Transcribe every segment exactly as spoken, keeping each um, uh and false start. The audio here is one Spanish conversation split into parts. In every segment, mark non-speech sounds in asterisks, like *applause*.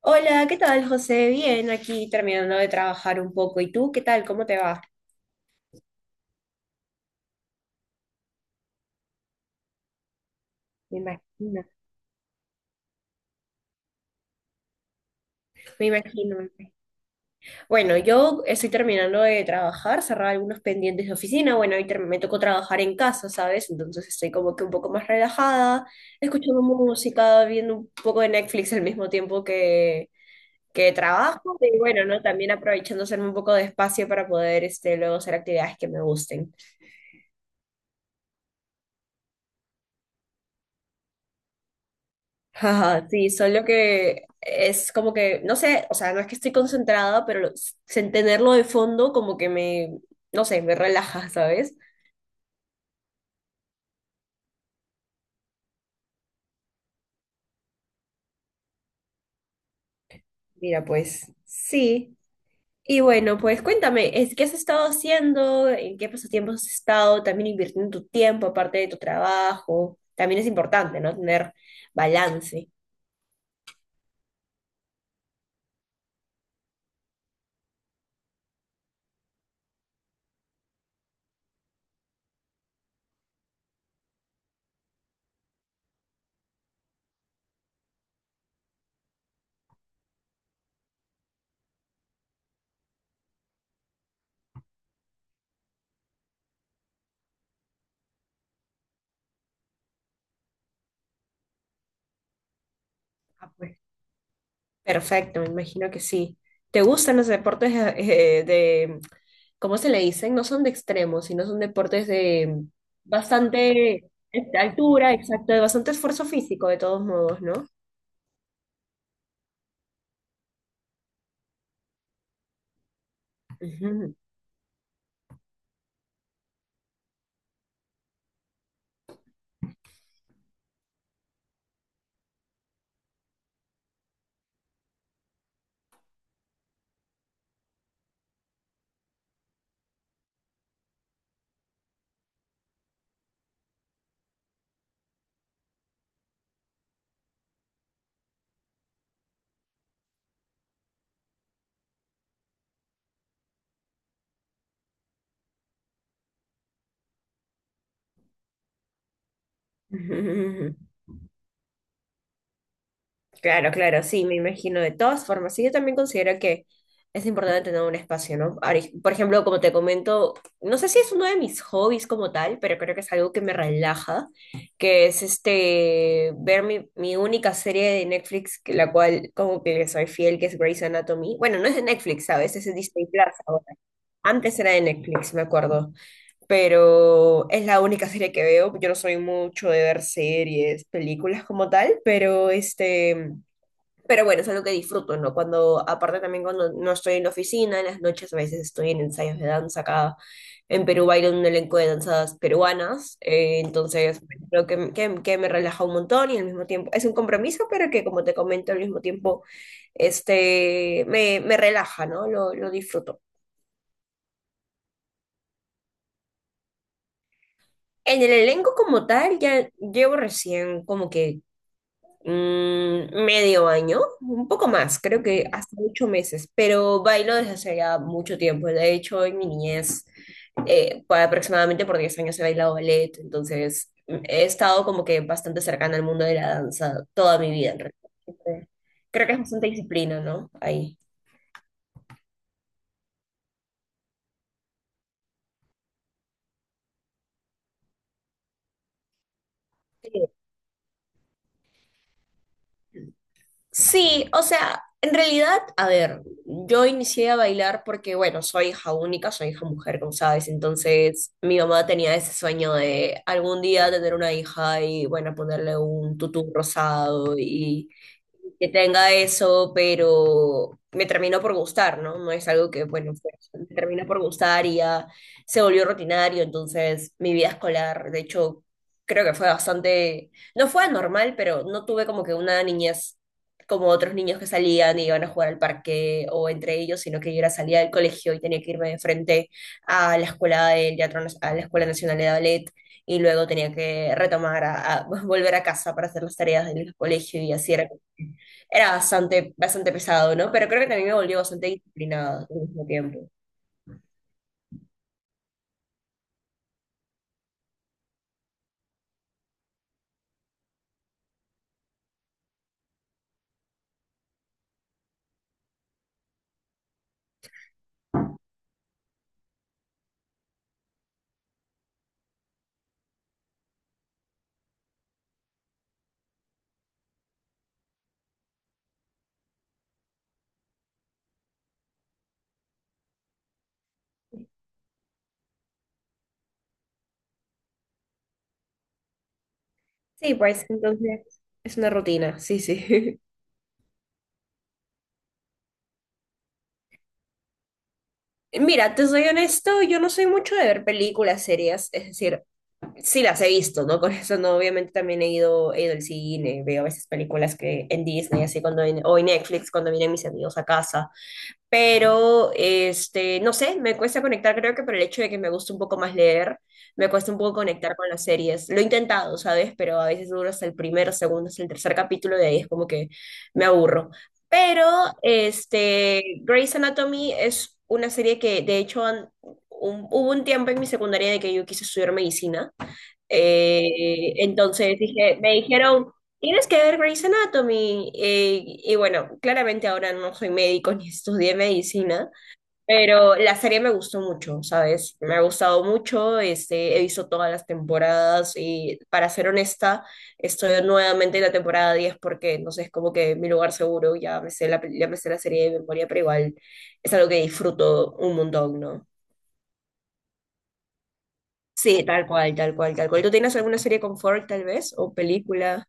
Hola, ¿qué tal, José? Bien, aquí terminando de trabajar un poco. ¿Y tú qué tal? ¿Cómo te va? Me imagino, me imagino. Bueno, yo estoy terminando de trabajar, cerrar algunos pendientes de oficina. Bueno, hoy ter- me tocó trabajar en casa, ¿sabes? Entonces estoy como que un poco más relajada, escuchando música, viendo un poco de Netflix al mismo tiempo que, que trabajo. Y bueno, ¿no? También aprovechando hacerme un poco de espacio para poder este, luego hacer actividades que me gusten. Ajá, sí, solo que es como que, no sé, o sea, no es que estoy concentrada, pero lo- sin tenerlo de fondo como que me, no sé, me relaja, ¿sabes? Mira, pues sí. Y bueno, pues cuéntame, es- ¿qué has estado haciendo? ¿En qué pasatiempos has estado? También invirtiendo tu tiempo aparte de tu trabajo. También es importante, ¿no? Tener balance. Ah, pues. Perfecto, me imagino que sí. ¿Te gustan los deportes eh, de, ¿cómo se le dicen? No son de extremos, sino son deportes de bastante este, altura, exacto, de bastante esfuerzo físico, de todos modos, ¿no? Ujú. *laughs* Claro, claro, sí, me imagino de todas formas. Sí, yo también considero que es importante tener un espacio, ¿no? Ari- Por ejemplo, como te comento, no sé si es uno de mis hobbies como tal, pero creo que es algo que me relaja, que es este, ver mi, mi única serie de Netflix, que- la cual como que le soy fiel, que es Grey's Anatomy. Bueno, no es de Netflix, ¿sabes? Es de Disney Plus ahora. Antes era de Netflix, me acuerdo, pero es la única serie que veo. Yo no soy mucho de ver series, películas como tal, pero este... Pero bueno, es algo que disfruto, ¿no? Cuando, aparte también cuando no estoy en la oficina, en las noches a veces estoy en ensayos de danza acá. En Perú bailo en un elenco de danzas peruanas, eh, entonces bueno, creo que, que, que me relaja un montón y al mismo tiempo es un compromiso, pero que como te comento, al mismo tiempo este, me, me relaja, ¿no? Lo, lo disfruto. En el elenco como tal, ya llevo recién como que mm, medio año, un poco más, creo que hasta ocho meses, pero bailo desde hace ya mucho tiempo. De hecho, en mi niñez, eh, por aproximadamente por diez años he bailado ballet, entonces mm, he estado como que bastante cercana al mundo de la danza toda mi vida, en realidad. Siempre- Creo que es bastante disciplina, ¿no? Ahí. Sí, o sea, en realidad, a ver, yo inicié a bailar porque, bueno, soy hija única, soy hija mujer, como sabes, entonces mi mamá tenía ese sueño de algún día tener una hija y, bueno, ponerle un tutú rosado y que tenga eso, pero me terminó por gustar, ¿no? No es algo que, bueno, fue- me terminó por gustar y ya se volvió rutinario, entonces mi vida escolar, de hecho, creo que fue bastante, no fue anormal, pero no tuve como que una niñez como otros niños que salían y iban a jugar al parque o entre ellos, sino que yo era salida del colegio y tenía que irme de frente a la escuela del teatro, Nas- a la Escuela Nacional de Ballet y luego tenía que retomar a, a- *laughs* volver a casa para hacer las tareas del colegio y así era era bastante, bastante pesado, ¿no? Pero creo que también me volvió bastante disciplinada al mismo tiempo. Sí, pues entonces es una rutina, sí, sí. *laughs* Mira, te soy honesto, yo no soy mucho de ver películas, series, es decir, sí las he visto, ¿no? Con eso, no, obviamente también he ido, he ido al cine, veo a veces películas que en Disney, así cuando, vine- o en Netflix, cuando vienen mis amigos a casa pero este, no sé, me cuesta conectar, creo que por el hecho de que me gusta un poco más leer, me cuesta un poco conectar con las series. Lo he intentado, ¿sabes? Pero a veces duro hasta el primer, segundo, hasta el tercer capítulo, de ahí es como que me aburro. Pero este, Grey's Anatomy es una serie que, de hecho, han- un- hubo un tiempo en mi secundaria de que yo quise estudiar medicina eh, entonces dije, me dijeron, tienes que ver Grey's Anatomy. Eh, y bueno, claramente ahora no soy médico *laughs* ni estudié medicina, pero la serie me gustó mucho, ¿sabes? Me ha gustado mucho, este, he visto todas las temporadas y para ser honesta, estoy nuevamente en la temporada diez porque, no sé, es como que mi lugar seguro, ya me sé la, pel- ya me sé la serie de memoria, pero igual es algo que disfruto un montón, ¿no? Sí, tal cual, tal cual, tal cual. ¿Tú tienes alguna serie confort, tal vez? ¿O película?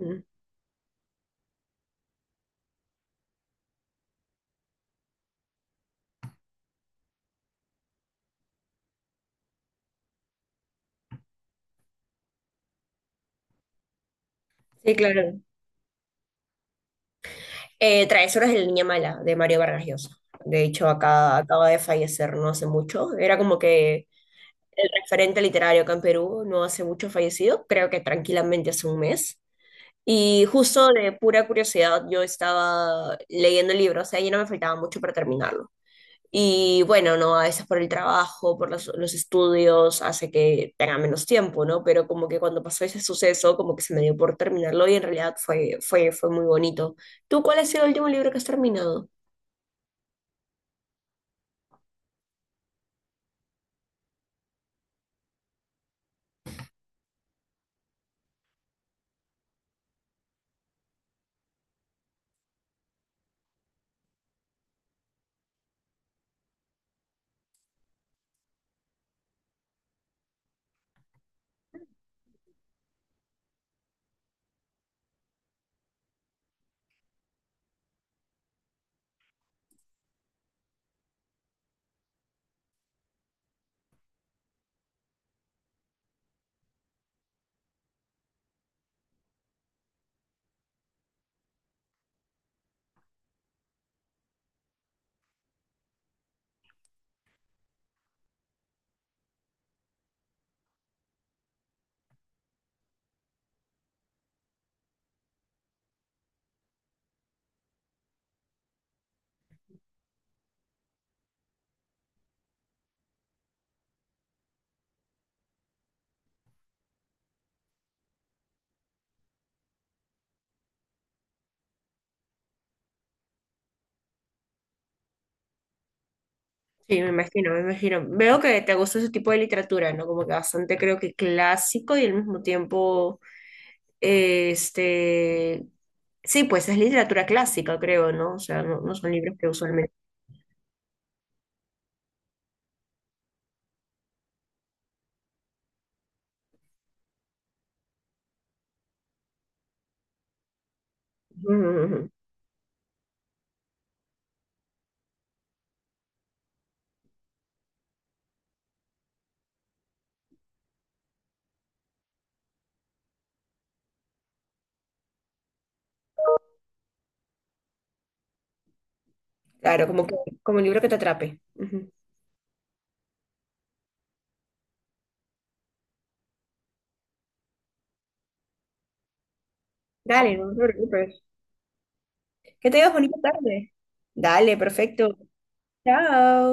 Mm, sí, claro. Eh, Travesuras de la Niña Mala, de Mario Vargas Llosa. De hecho, acá acaba de fallecer no hace mucho. Era como que el referente literario acá en Perú no hace mucho fallecido, creo que tranquilamente hace un mes. Y justo de pura curiosidad, yo estaba leyendo el libro, o sea, ya no me faltaba mucho para terminarlo. Y bueno, ¿no? A veces por el trabajo, por los, los estudios, hace que tenga menos tiempo, ¿no? Pero como que cuando pasó ese suceso, como que se me dio por terminarlo y en realidad fue, fue, fue muy bonito. ¿Tú cuál ha sido el último libro que has terminado? Sí, me imagino, me imagino. Veo que te gusta ese tipo de literatura, ¿no? Como que bastante creo que clásico y al mismo tiempo, este, sí, pues es literatura clásica, creo, ¿no? O sea, no, no son libros que usualmente... Ujú, ujú, ujú. Claro, como que Como un libro que te atrape. Dale, no te preocupes. Que tengas bonita tarde. Dale, perfecto. Chao.